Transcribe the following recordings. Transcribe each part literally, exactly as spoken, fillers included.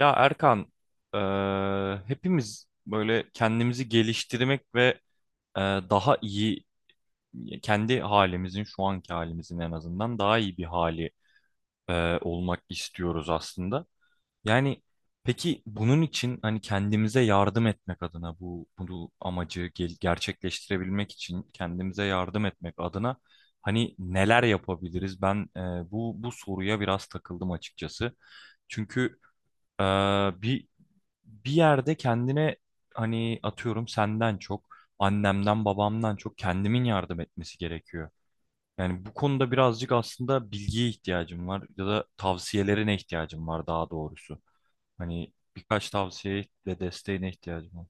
Ya Erkan, eee, hepimiz böyle kendimizi geliştirmek ve eee, daha iyi kendi halimizin şu anki halimizin en azından daha iyi bir hali eee, olmak istiyoruz aslında. Yani peki bunun için hani kendimize yardım etmek adına bu bu amacı gel- gerçekleştirebilmek için kendimize yardım etmek adına hani neler yapabiliriz? Ben eee, bu bu soruya biraz takıldım açıkçası. Çünkü ee, bir bir yerde kendine hani atıyorum senden çok, annemden, babamdan çok kendimin yardım etmesi gerekiyor. Yani bu konuda birazcık aslında bilgiye ihtiyacım var ya da tavsiyelerine ihtiyacım var daha doğrusu. Hani birkaç tavsiye ve desteğine ihtiyacım var.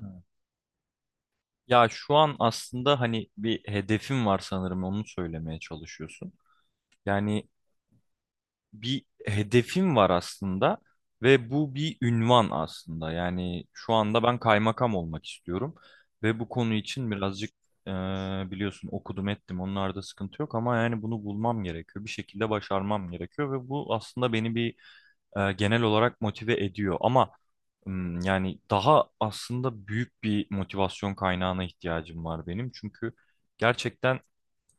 Evet. Ya şu an aslında hani bir hedefim var sanırım onu söylemeye çalışıyorsun. Yani bir hedefim var aslında ve bu bir ünvan aslında. Yani şu anda ben kaymakam olmak istiyorum ve bu konu için birazcık e, biliyorsun okudum ettim onlarda sıkıntı yok ama yani bunu bulmam gerekiyor. Bir şekilde başarmam gerekiyor ve bu aslında beni bir e, genel olarak motive ediyor ama m, yani daha aslında büyük bir motivasyon kaynağına ihtiyacım var benim çünkü gerçekten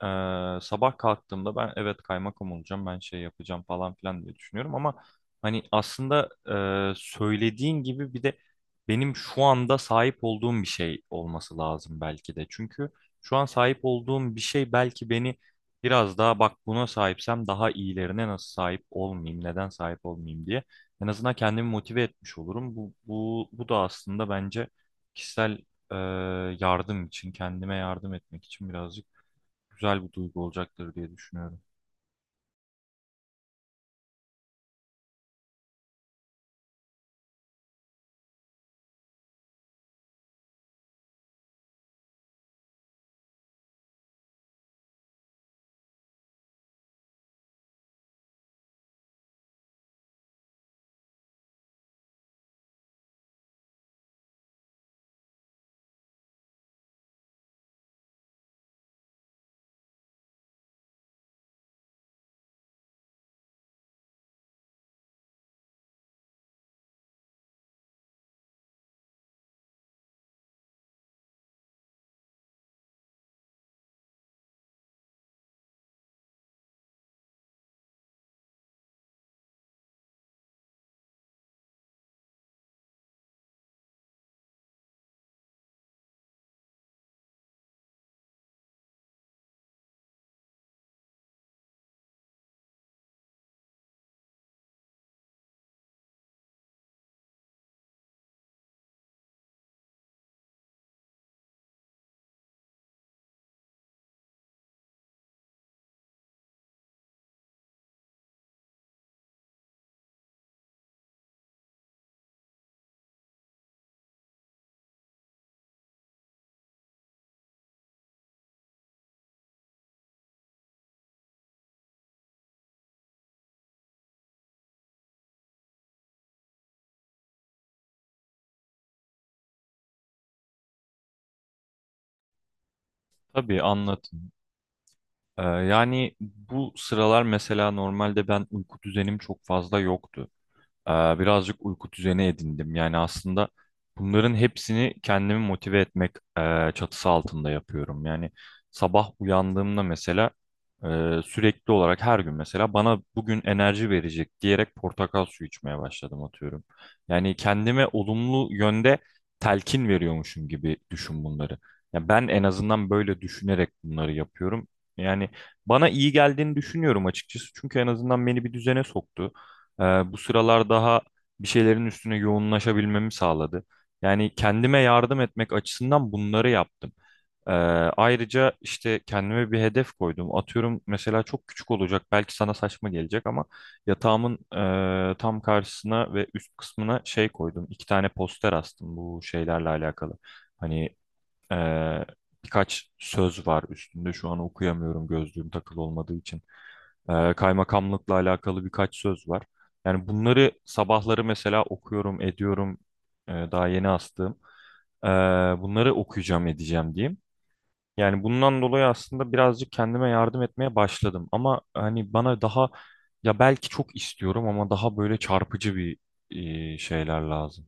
ee, sabah kalktığımda ben evet kaymakam olacağım, ben şey yapacağım falan filan diye düşünüyorum ama hani aslında e, söylediğin gibi bir de benim şu anda sahip olduğum bir şey olması lazım belki de. Çünkü şu an sahip olduğum bir şey belki beni biraz daha bak buna sahipsem daha iyilerine nasıl sahip olmayayım, neden sahip olmayayım diye en azından kendimi motive etmiş olurum. Bu, bu, bu da aslında bence kişisel e, yardım için, kendime yardım etmek için birazcık güzel bir duygu olacaktır diye düşünüyorum. Tabii anlatın. Ee, yani bu sıralar mesela normalde ben uyku düzenim çok fazla yoktu. Ee, Birazcık uyku düzeni edindim. Yani aslında bunların hepsini kendimi motive etmek e, çatısı altında yapıyorum. Yani sabah uyandığımda mesela e, sürekli olarak her gün mesela bana bugün enerji verecek diyerek portakal suyu içmeye başladım atıyorum. Yani kendime olumlu yönde telkin veriyormuşum gibi düşün bunları. Ya ben en azından böyle düşünerek bunları yapıyorum. Yani bana iyi geldiğini düşünüyorum açıkçası. Çünkü en azından beni bir düzene soktu. Ee, Bu sıralar daha bir şeylerin üstüne yoğunlaşabilmemi sağladı. Yani kendime yardım etmek açısından bunları yaptım. Ee, Ayrıca işte kendime bir hedef koydum. Atıyorum mesela çok küçük olacak, belki sana saçma gelecek ama yatağımın e, tam karşısına ve üst kısmına şey koydum. İki tane poster astım bu şeylerle alakalı. Hani ee, birkaç söz var üstünde. Şu an okuyamıyorum gözlüğüm takılı olmadığı için. Ee, kaymakamlıkla alakalı birkaç söz var. Yani bunları sabahları mesela okuyorum, ediyorum. Ee, daha yeni astığım. Ee, Bunları okuyacağım, edeceğim diyeyim. Yani bundan dolayı aslında birazcık kendime yardım etmeye başladım. Ama hani bana daha ya belki çok istiyorum ama daha böyle çarpıcı bir e, şeyler lazım.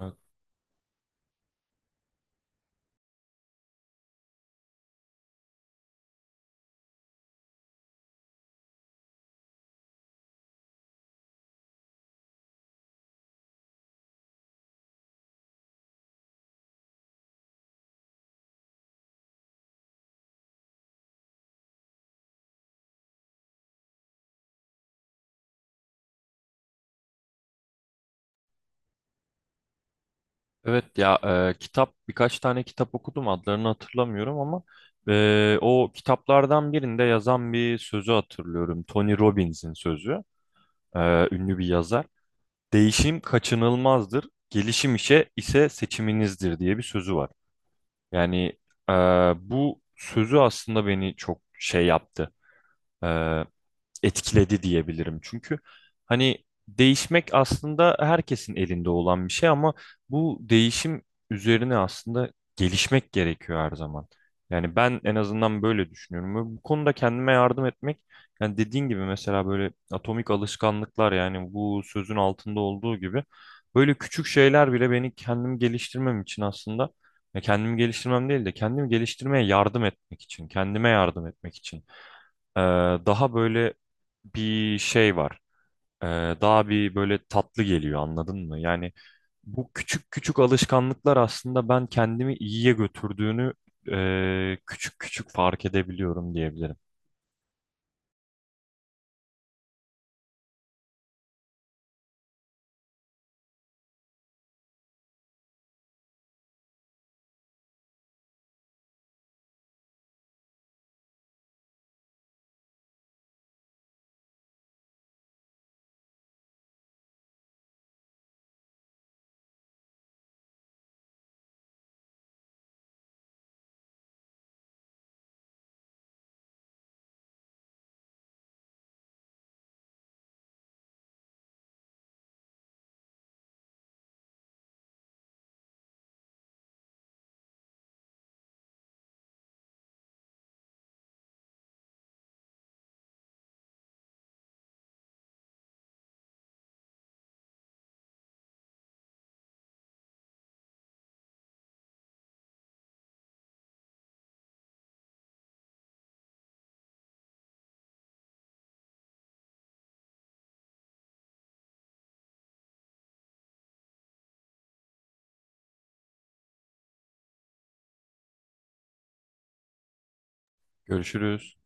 Evet. Evet ya e, kitap birkaç tane kitap okudum adlarını hatırlamıyorum ama e, o kitaplardan birinde yazan bir sözü hatırlıyorum. Tony Robbins'in sözü. E, ünlü bir yazar. Değişim kaçınılmazdır, gelişim işe ise seçiminizdir diye bir sözü var. Yani e, bu sözü aslında beni çok şey yaptı. E, etkiledi diyebilirim. Çünkü hani değişmek aslında herkesin elinde olan bir şey ama bu değişim üzerine aslında gelişmek gerekiyor her zaman. Yani ben en azından böyle düşünüyorum. Ve bu konuda kendime yardım etmek, yani dediğin gibi mesela böyle atomik alışkanlıklar yani bu sözün altında olduğu gibi böyle küçük şeyler bile beni kendim geliştirmem için aslında ya kendimi geliştirmem değil de kendimi geliştirmeye yardım etmek için, kendime yardım etmek için ee, daha böyle bir şey var. Ee, Daha bir böyle tatlı geliyor anladın mı? Yani bu küçük küçük alışkanlıklar aslında ben kendimi iyiye götürdüğünü e, küçük küçük fark edebiliyorum diyebilirim. Görüşürüz.